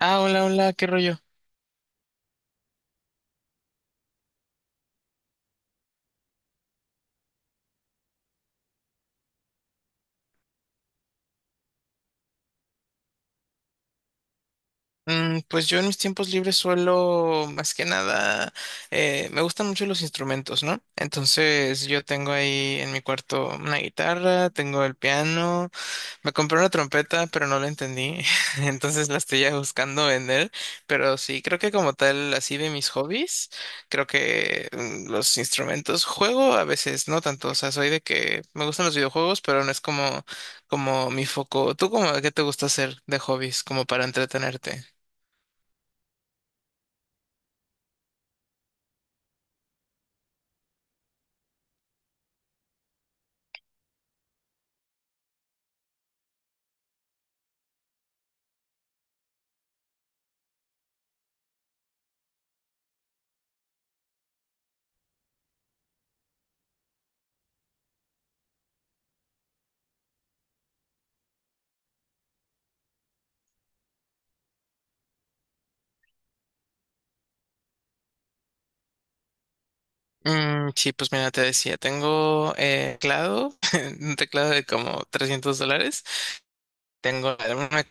Ah, hola, hola, ¿qué rollo? Pues yo en mis tiempos libres suelo, más que nada, me gustan mucho los instrumentos, ¿no? Entonces yo tengo ahí en mi cuarto una guitarra, tengo el piano. Me compré una trompeta, pero no la entendí, entonces la estoy ya buscando vender, pero sí, creo que como tal, así de mis hobbies, creo que los instrumentos, juego a veces, no tanto, o sea, soy de que me gustan los videojuegos, pero no es como, como mi foco. ¿Tú como qué te gusta hacer de hobbies, como para entretenerte? Mm, sí, pues mira, te decía, tengo teclado, un teclado de como $300. Tengo una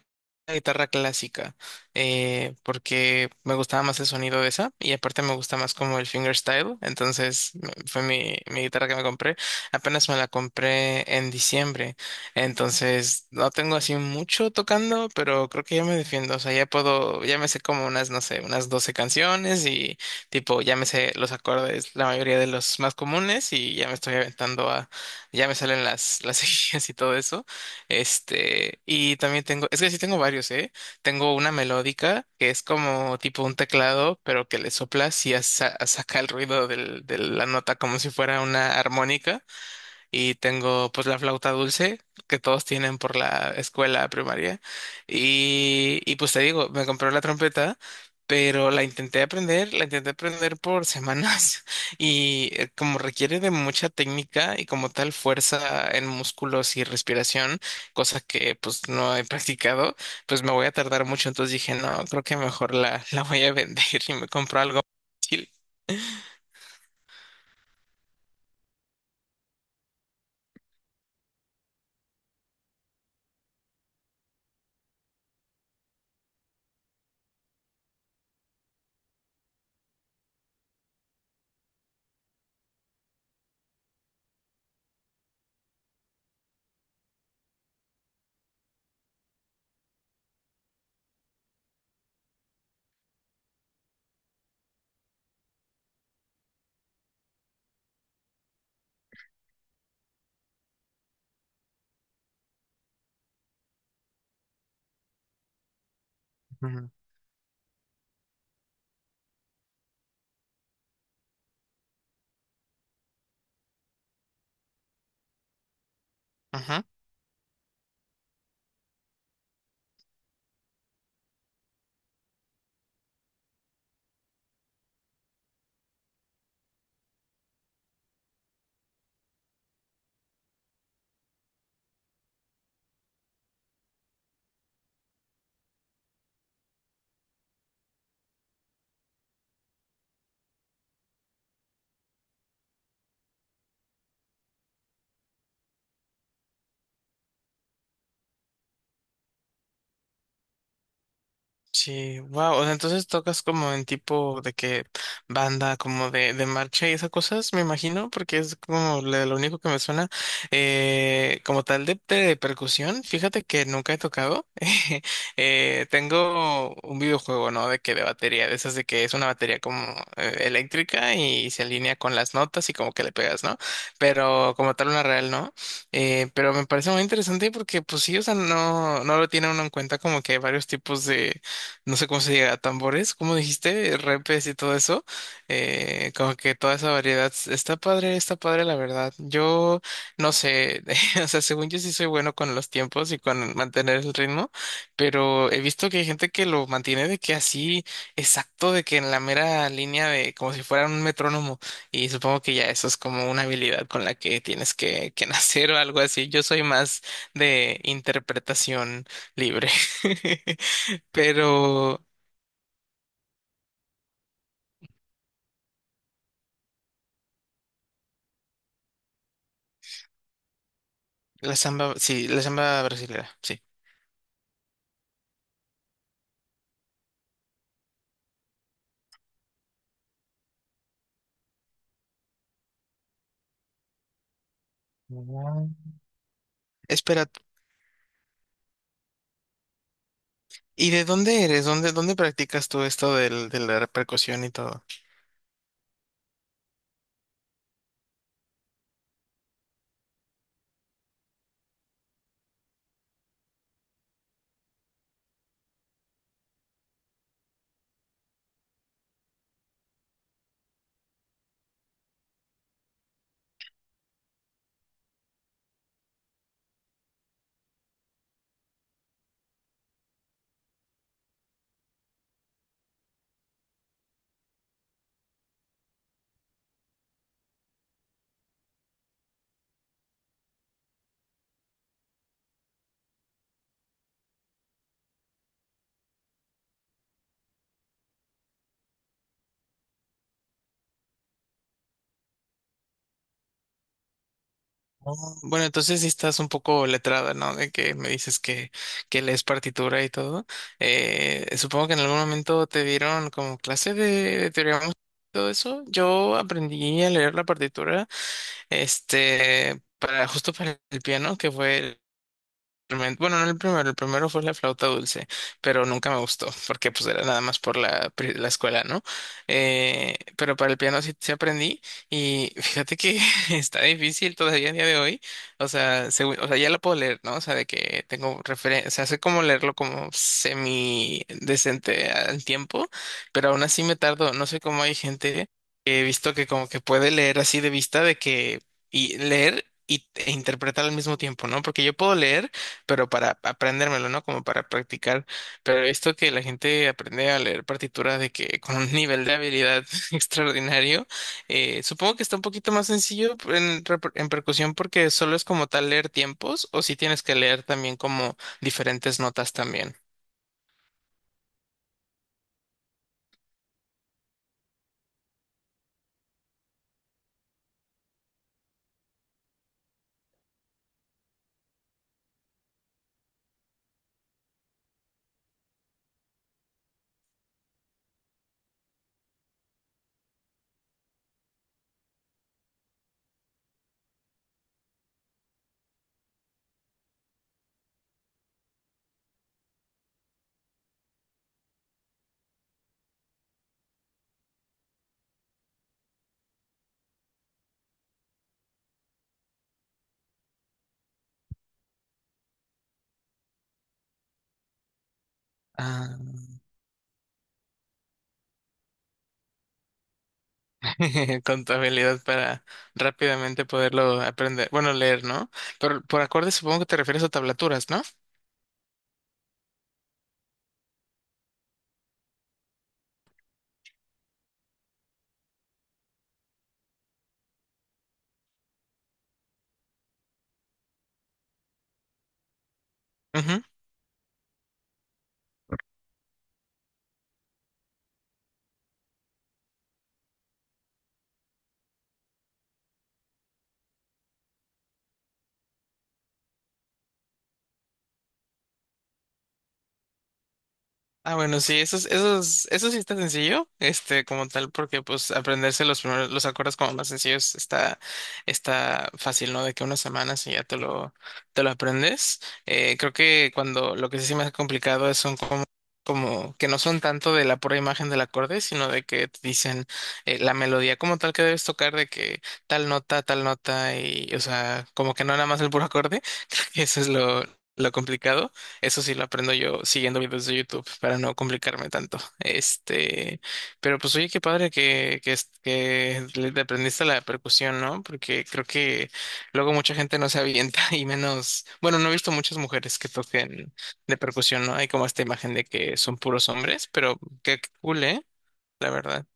guitarra clásica, porque me gustaba más el sonido de esa y aparte me gusta más como el fingerstyle, entonces fue mi guitarra que me compré. Apenas me la compré en diciembre, entonces no tengo así mucho tocando, pero creo que ya me defiendo, o sea, ya puedo, ya me sé como unas, no sé, unas 12 canciones y tipo, ya me sé los acordes, la mayoría de los más comunes y ya me estoy aventando a, ya me salen las seguidas y todo eso. Este, y también tengo, es que sí tengo varios, ¿eh? Tengo una melódica que es como tipo un teclado, pero que le soplas y ya saca el ruido de la nota como si fuera una armónica y tengo pues la flauta dulce que todos tienen por la escuela primaria y pues te digo, me compré la trompeta, pero la intenté aprender por semanas y como requiere de mucha técnica y como tal fuerza en músculos y respiración, cosa que pues no he practicado, pues me voy a tardar mucho, entonces dije, no, creo que mejor la voy a vender y me compro algo más útil. Ujú. Ujú. Sí, wow. O sea, entonces tocas como en tipo de que banda, como de marcha y esas cosas, me imagino, porque es como lo único que me suena. Como tal de percusión, fíjate que nunca he tocado. Tengo un videojuego, ¿no? De que de batería, de esas de que es una batería como eléctrica y se alinea con las notas y como que le pegas, ¿no? Pero como tal una real, ¿no? Pero me parece muy interesante porque, pues sí, o sea, no, no lo tiene uno en cuenta como que hay varios tipos de no sé cómo se diga, tambores, como dijiste, repes y todo eso, como que toda esa variedad está padre la verdad. Yo no sé, o sea, según yo sí soy bueno con los tiempos y con mantener el ritmo, pero he visto que hay gente que lo mantiene de que así exacto, de que en la mera línea de como si fuera un metrónomo y supongo que ya eso es como una habilidad con la que tienes que nacer o algo así. Yo soy más de interpretación libre. Pero la samba, sí, la samba brasileña, sí. Ah. Espera, ¿y de dónde eres? ¿Dónde, dónde practicas tú esto del, de la percusión y todo? Oh, bueno, entonces sí estás un poco letrada, ¿no? De que me dices que lees partitura y todo. Supongo que en algún momento te dieron como clase de teoría musical y todo eso. Yo aprendí a leer la partitura. Este, para, justo para el piano, que fue bueno, no el primero, el primero fue la flauta dulce, pero nunca me gustó, porque pues era nada más por la escuela, ¿no? Pero para el piano sí, sí aprendí y fíjate que está difícil todavía a día de hoy, o sea, o sea, ya lo puedo leer, ¿no? O sea, de que tengo referencia, o sea, sé cómo leerlo como semi decente al tiempo, pero aún así me tardo, no sé cómo hay gente que he visto que como que puede leer así de vista de que y leer y, e interpretar al mismo tiempo, ¿no? Porque yo puedo leer pero para aprendérmelo, ¿no? Como para practicar. Pero esto que la gente aprende a leer partituras de que con un nivel de habilidad extraordinario, supongo que está un poquito más sencillo en, en percusión porque solo es como tal leer tiempos o si tienes que leer también como diferentes notas también. Ah. Con tu habilidad para rápidamente poderlo aprender, bueno, leer, ¿no? Pero por acordes supongo que te refieres a tablaturas, ¿no? Mjum. Ah, bueno, sí, eso, eso, eso sí está sencillo, este, como tal, porque pues aprenderse los primeros, los acordes como más sencillos está, está fácil, ¿no? De que unas semanas y ya te te lo aprendes. Creo que cuando lo que sí se me ha complicado es son como, como que no son tanto de la pura imagen del acorde, sino de que te dicen la melodía como tal que debes tocar, de que tal nota, y, o sea, como que no nada más el puro acorde, creo que eso es lo complicado. Eso sí lo aprendo yo siguiendo videos de YouTube para no complicarme tanto. Este, pero pues oye, qué padre que le te aprendiste la percusión, ¿no? Porque creo que luego mucha gente no se avienta y menos, bueno, no he visto muchas mujeres que toquen de percusión, ¿no? Hay como esta imagen de que son puros hombres, pero qué cool, ¿eh? La verdad.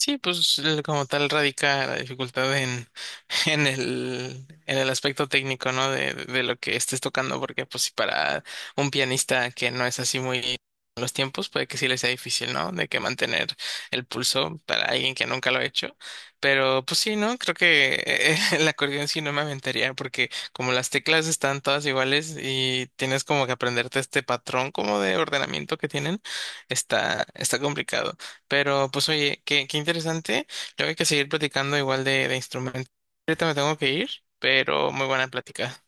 Sí, pues como tal radica la dificultad en, en en el aspecto técnico, ¿no? De lo que estés tocando, porque pues si para un pianista que no es así muy con los tiempos, puede que sí le sea difícil, ¿no? De que mantener el pulso para alguien que nunca lo ha hecho. Pero pues sí, ¿no? Creo que el acordeón sí no me aventaría, porque como las teclas están todas iguales y tienes como que aprenderte este patrón como de ordenamiento que tienen, está, está complicado. Pero pues oye, qué interesante. Luego hay que seguir platicando igual de instrumentos. Ahorita me tengo que ir, pero muy buena plática.